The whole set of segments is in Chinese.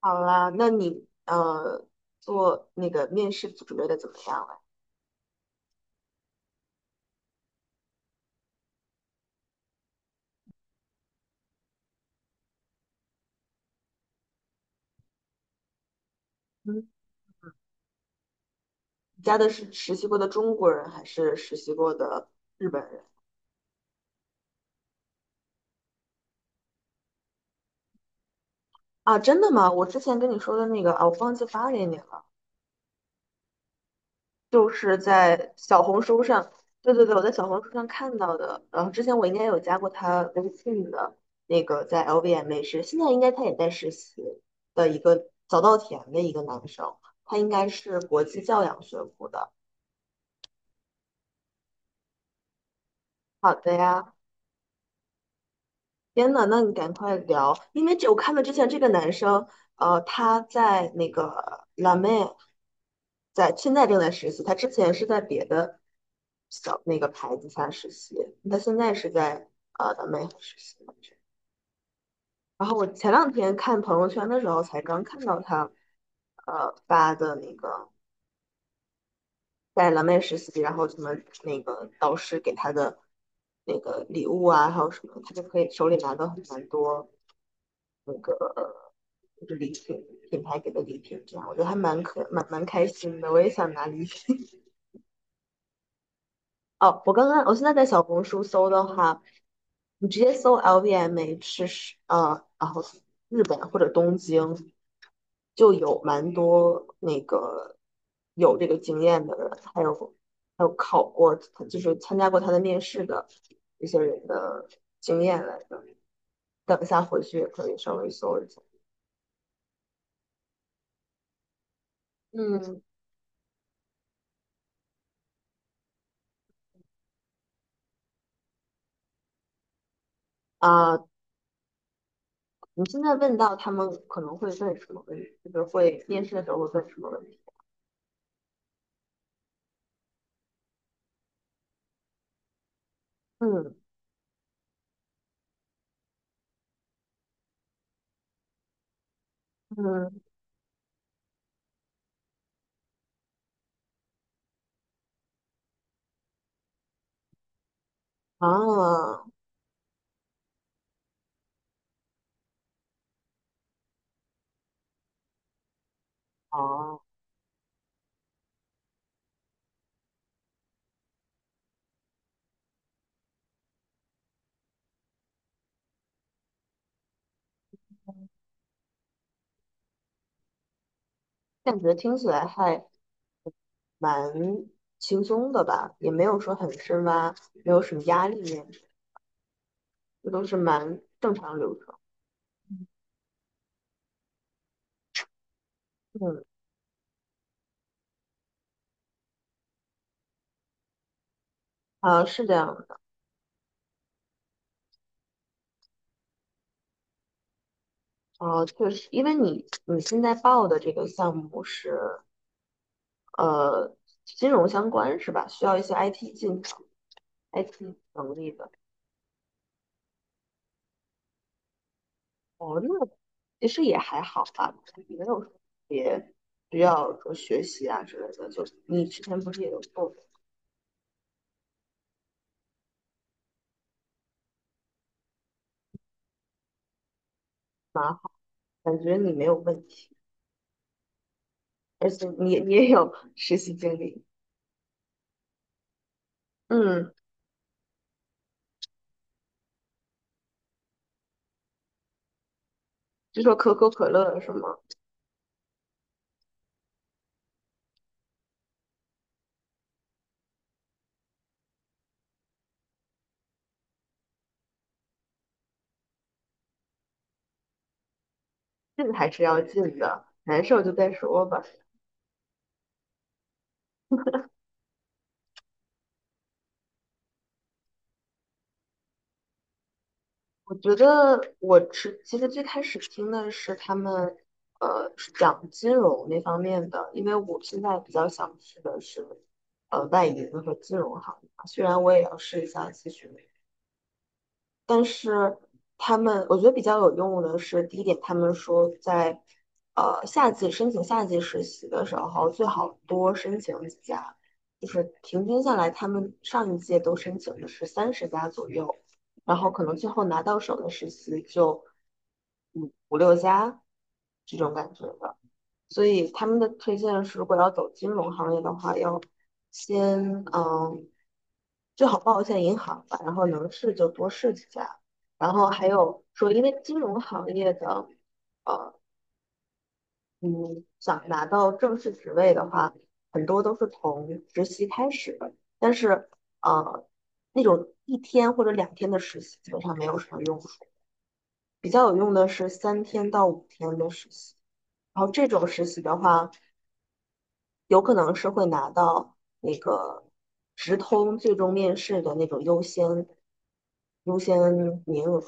好啦，那你做那个面试准备的怎么样了？嗯。你加的是实习过的中国人还是实习过的日本人啊？真的吗？我之前跟你说的那个啊，我忘记发给你了，就是在小红书上，对对对，我在小红书上看到的。然后之前我应该有加过他微信的那个在 LVMH，是现在应该他也在实习的一个早稻田的一个男生，他应该是国际教养学部的。好的呀。天呐，那你赶快聊，因为这我看到之前这个男生，他在那个辣妹，在现在正在实习，他之前是在别的小那个牌子下实习，他现在是在辣妹实习。然后我前两天看朋友圈的时候，才刚看到他发的那个在蓝莓实习，然后什么那个导师给他的那个礼物啊，还有什么，他就可以手里拿到蛮多就是礼品，品牌给的礼品，这样我觉得还蛮可蛮蛮开心的。我也想拿礼品。哦，我刚刚我现在在小红书搜的话，你直接搜 LVMH 然后日本或者东京就有蛮多那个有这个经验的人，还有考过就是参加过他的面试的一些人的经验来的。等一下回去也可以稍微搜一下。嗯。啊，你现在问到他们可能会问什么问题，就是会面试的时候会问什么问题？嗯。嗯。啊。哦。感觉听起来还蛮轻松的吧，也没有说很深挖，没有什么压力，这都是蛮正常流程。嗯。啊，是这样的。啊，确实，因为你现在报的这个项目是呃金融相关是吧？需要一些 IT 技能、IT 能力的。哦，那其实也还好吧，没有说特别需要说学习啊之类的。就你之前不是也有做，感觉你没有问题，而且你也有 实习经历。嗯，就说可口可乐是吗？进还是要进的，难受就再说吧。我觉得其实最开始听的是他们是讲金融那方面的，因为我现在比较想去的是外银和金融行业。虽然我也要试一下咨询。但是他们，我觉得比较有用的是，第一点，他们说在夏季申请夏季实习的时候，最好多申请几家，就是平均下来，他们上一届都申请的是30家左右，然后可能最后拿到手的实习就五五六家这种感觉的。所以他们的推荐是，如果要走金融行业的话，要先最好报一下银行吧，然后能试就多试几家。然后还有说，因为金融行业的呃嗯想拿到正式职位的话，很多都是从实习开始的，但是呃那种一天或者两天的实习基本上没有什么用处，比较有用的是3天到5天的实习。然后这种实习的话，有可能是会拿到那个直通最终面试的那种优先名额。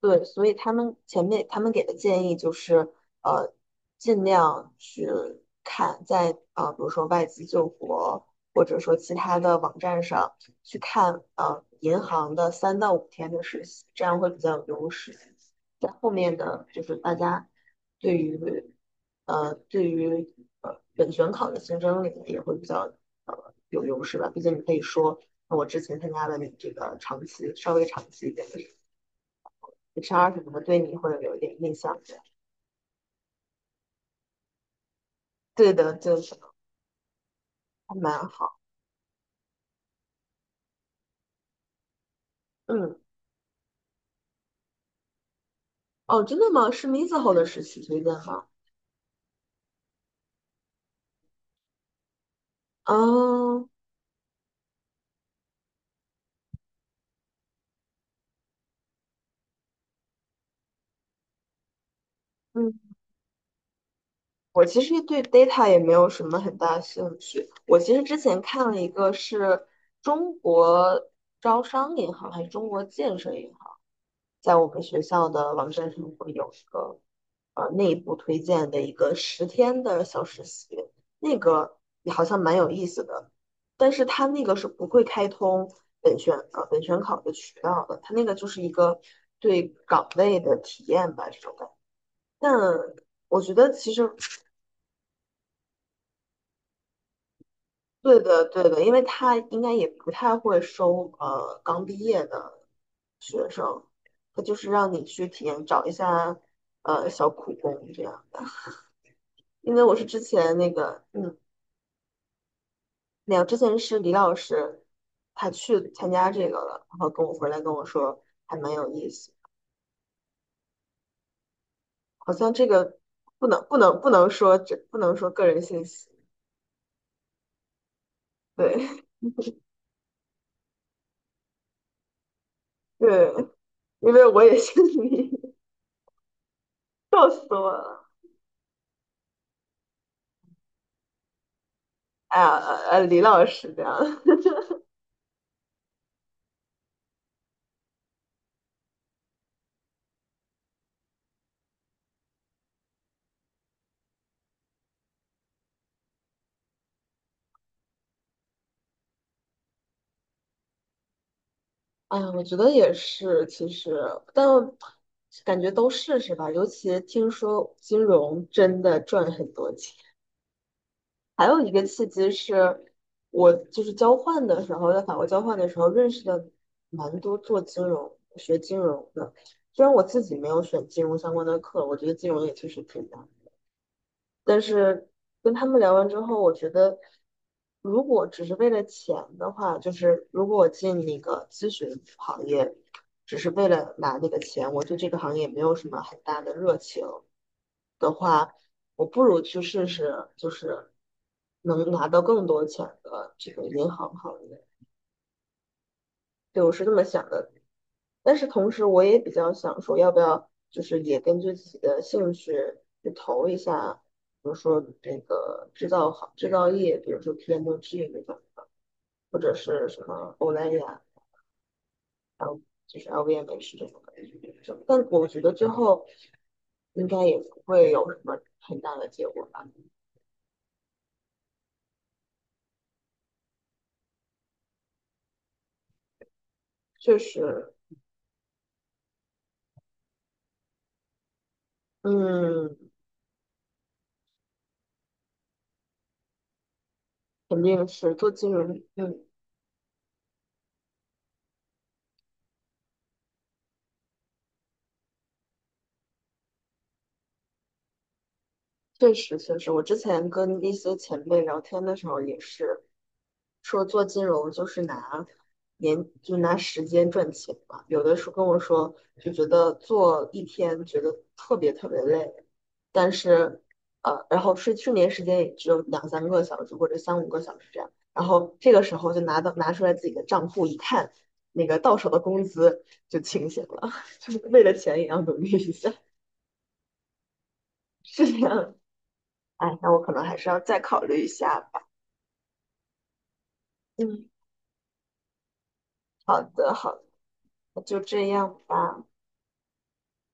对，所以他们前面他们给的建议就是，呃，尽量去看在比如说外资救国或者说其他的网站上去看银行的3到5天的实习，这样会比较有优势。在后面的就是大家对于呃对于呃本选考的竞争力也会比较有优势吧，毕竟你可以说我之前参加了你这个长期稍微长期一点的。HR 什么的对你会有一点印象的。对的，就是还蛮好。嗯。哦，真的吗？是 Mizuho 的实习推荐哈。嗯。嗯，我其实对 data 也没有什么很大兴趣。我其实之前看了一个是中国招商银行还是中国建设银行，在我们学校的网站上会有一个内部推荐的一个10天的小实习，那个也好像蛮有意思的，但是他那个是不会开通本选考的渠道的，他那个就是一个对岗位的体验吧，这种感觉。但我觉得其实对的对的，因为他应该也不太会收刚毕业的学生，他就是让你去体验找一下小苦工这样的。因为我是之前那个没有，之前是李老师，他去参加这个了，然后跟我回来跟我说还蛮有意思，好像这个不能说这不能说个人信息，对 对，因为我也姓李，笑死我了，哎呀李老师这样，哎呀我觉得也是，其实但感觉都试试吧，尤其听说金融真的赚很多钱。还有一个契机是，我就是交换的时候，在法国交换的时候认识的蛮多做金融、学金融的。虽然我自己没有选金融相关的课，我觉得金融也确实挺难但是跟他们聊完之后，我觉得如果只是为了钱的话，就是如果我进那个咨询行业，只是为了拿那个钱，我对这个行业没有什么很大的热情的话，我不如去试试，就是能拿到更多钱的这个银行行业。对，我是这么想的。但是同时我也比较想说，要不要就是也根据自己的兴趣去投一下，比如说这个制造业，比如说 PMG 这种，或者是什么欧莱雅，就是 LVMH 这种感但我觉得最后应该也不会有什么很大的结果吧。确实，嗯，肯定是做金融，嗯，确实确实，我之前跟一些前辈聊天的时候也是说做金融就是就拿时间赚钱嘛，有的时候跟我说就觉得做一天觉得特别特别累，但是然后睡眠时间也只有两三个小时或者三五个小时这样，然后这个时候就拿出来自己的账户一看，那个到手的工资就清醒了，就是为了钱也要努力一下，是这样。哎，那我可能还是要再考虑一下。嗯，好的，好的，就这样吧。